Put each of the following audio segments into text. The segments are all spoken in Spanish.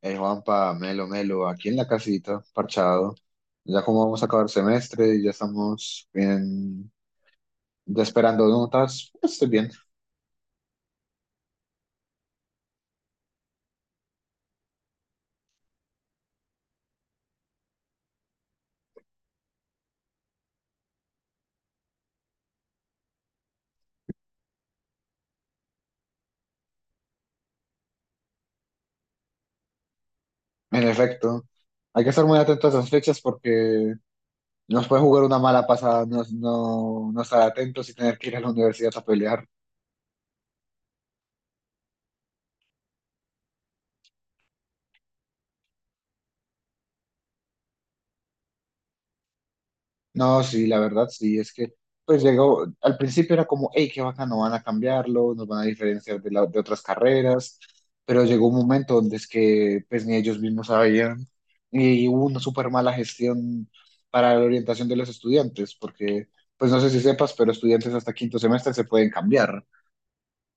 Hey Juanpa, Melo, Melo, aquí en la casita, parchado. Ya como vamos a acabar el semestre y ya estamos bien, ya esperando notas, pues estoy bien. En efecto, hay que estar muy atentos a las fechas porque nos puede jugar una mala pasada, no, no estar atentos y tener que ir a la universidad a pelear. No, sí, la verdad sí, es que pues llegó, al principio era como, hey, qué bacano, no van a cambiarlo, nos van a diferenciar de, de otras carreras, pero llegó un momento donde es que pues ni ellos mismos sabían y hubo una súper mala gestión para la orientación de los estudiantes, porque pues no sé si sepas, pero estudiantes hasta quinto semestre se pueden cambiar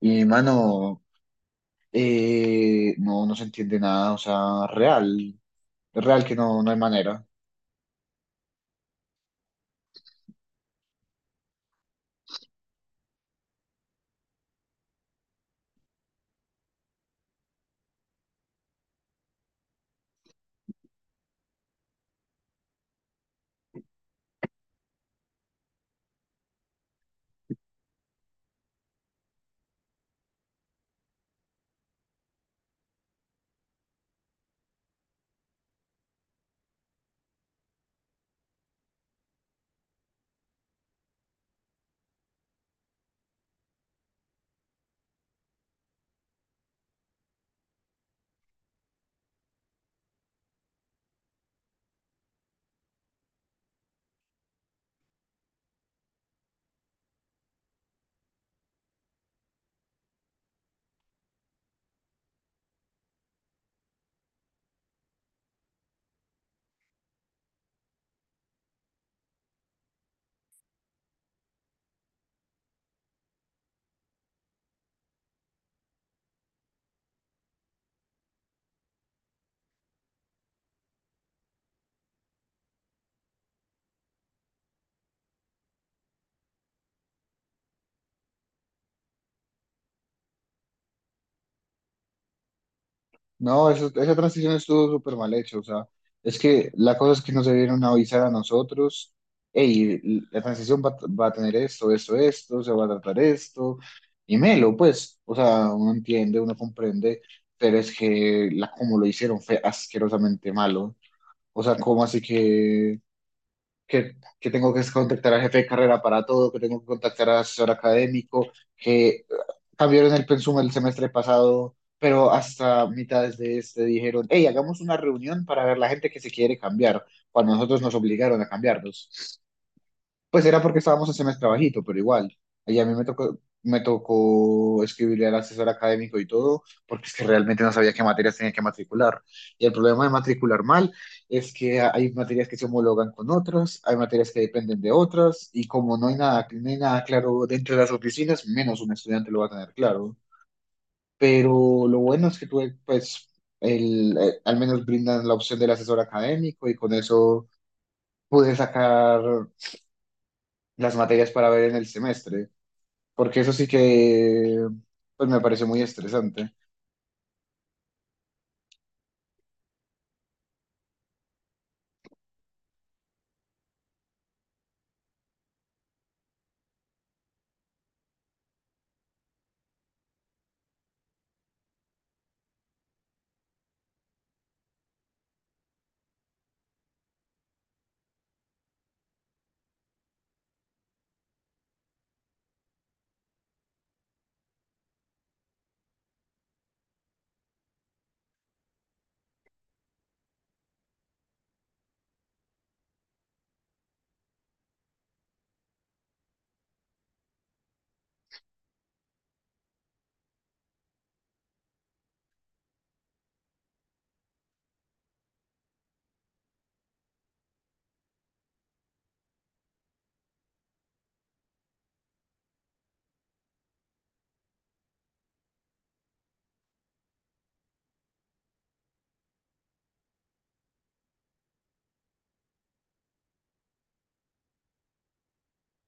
y mano, no, no se entiende nada, o sea, real, real que no, no hay manera. No, esa transición estuvo súper mal hecho. O sea, es que la cosa es que nos debieron avisar a nosotros, hey, la transición va a tener esto, esto, esto, se va a tratar esto. Y melo, pues, o sea, uno entiende, uno comprende, pero es que como lo hicieron fue asquerosamente malo. O sea, ¿cómo así que, que tengo que contactar al jefe de carrera para todo, que tengo que contactar al asesor académico, que cambiaron el pensum el semestre pasado, pero hasta mitades de este dijeron, hey, hagamos una reunión para ver la gente que se quiere cambiar, cuando nosotros nos obligaron a cambiarnos? Pues era porque estábamos en semestre bajito, pero igual. Y a mí me tocó escribirle al asesor académico y todo, porque es que realmente no sabía qué materias tenía que matricular. Y el problema de matricular mal es que hay materias que se homologan con otras, hay materias que dependen de otras, y como no hay nada, no hay nada claro dentro de las oficinas, menos un estudiante lo va a tener claro. Pero lo bueno es que tuve, pues, al menos brindan la opción del asesor académico y con eso pude sacar las materias para ver en el semestre, porque eso sí que pues me pareció muy estresante.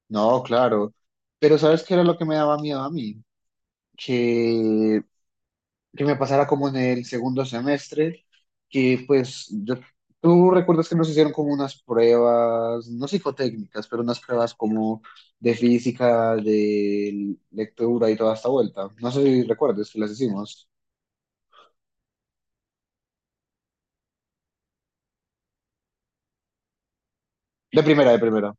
No, claro. Pero ¿sabes qué era lo que me daba miedo a mí? Que, que me pasara como en el segundo semestre, que pues yo, tú recuerdas que nos hicieron como unas pruebas, no psicotécnicas, pero unas pruebas como de física, de lectura y toda esta vuelta. No sé si recuerdas que las hicimos. De primera, de primera.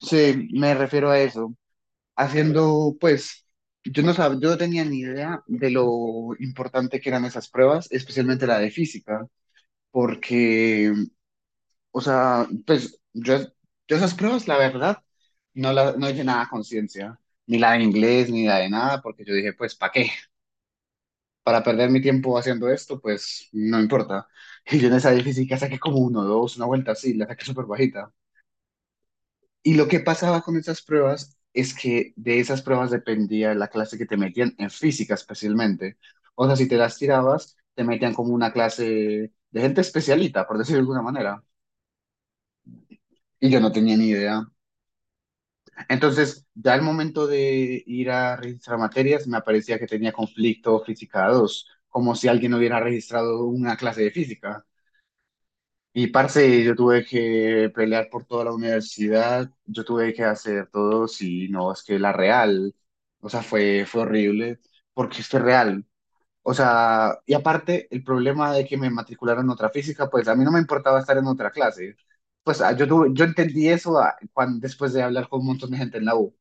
Sí, me refiero a eso. Haciendo, pues, yo no tenía ni idea de lo importante que eran esas pruebas, especialmente la de física, porque, o sea, pues, yo esas pruebas, la verdad, no, la, no hice nada a conciencia, ni la de inglés, ni la de nada, porque yo dije, pues, ¿para qué? Para perder mi tiempo haciendo esto, pues, no importa. Y yo en esa de física saqué como uno, dos, una vuelta así, la saqué súper bajita. Y lo que pasaba con esas pruebas es que de esas pruebas dependía la clase que te metían en física especialmente. O sea, si te las tirabas, te metían como una clase de gente especialita, por decirlo de alguna manera. Y yo no tenía ni idea. Entonces, ya al momento de ir a registrar materias, me aparecía que tenía conflicto física 2, como si alguien hubiera registrado una clase de física. Y parce, yo tuve que pelear por toda la universidad, yo tuve que hacer todo, sí, no, es que la real, o sea, fue horrible, porque es que es real, o sea, y aparte el problema de que me matricularon en otra física, pues a mí no me importaba estar en otra clase, pues ah, yo tuve, yo entendí eso ah, después de hablar con un montón de gente en la U,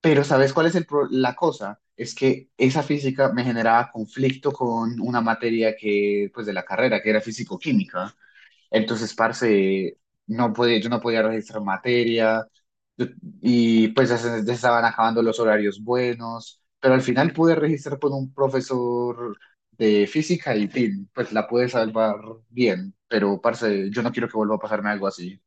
pero ¿sabes cuál es la cosa? Es que esa física me generaba conflicto con una materia que, pues de la carrera, que era físico-química. Entonces, parce, no podía, yo no podía registrar materia yo- y pues ya se estaban acabando los horarios buenos, pero al final pude registrar con un profesor de física y tin, pues la pude salvar bien, pero parce, yo no quiero que vuelva a pasarme algo así.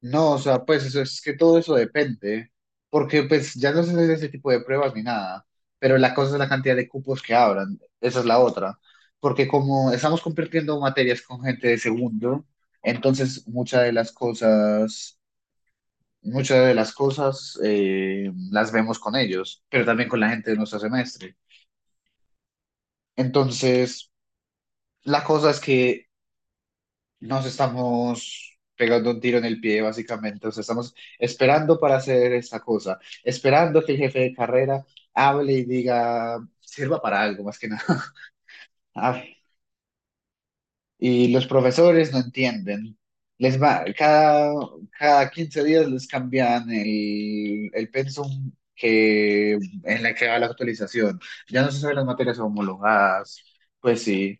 No, o sea, pues eso es que todo eso depende, porque pues ya no se hacen ese tipo de pruebas ni nada, pero la cosa es la cantidad de cupos que abran, esa es la otra, porque como estamos compartiendo materias con gente de segundo, entonces muchas de las cosas, muchas de las cosas las vemos con ellos, pero también con la gente de nuestro semestre. Entonces, la cosa es que nos estamos pegando un tiro en el pie, básicamente. O sea, estamos esperando para hacer esta cosa, esperando que el jefe de carrera hable y diga, sirva para algo, más que nada. Ay, y los profesores no entienden. Les va, cada, cada 15 días les cambian el pensum que, en la que va la actualización. Ya no se saben las materias homologadas. Pues sí.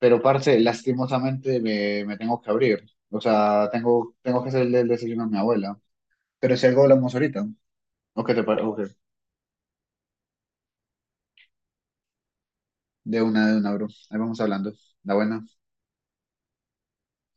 Pero, parce, lastimosamente me, me tengo que abrir. O sea, tengo, tengo que hacerle el desayuno a mi abuela. Pero si algo hablamos ahorita. ¿O qué te parece? De una, bro. Ahí vamos hablando. La buena.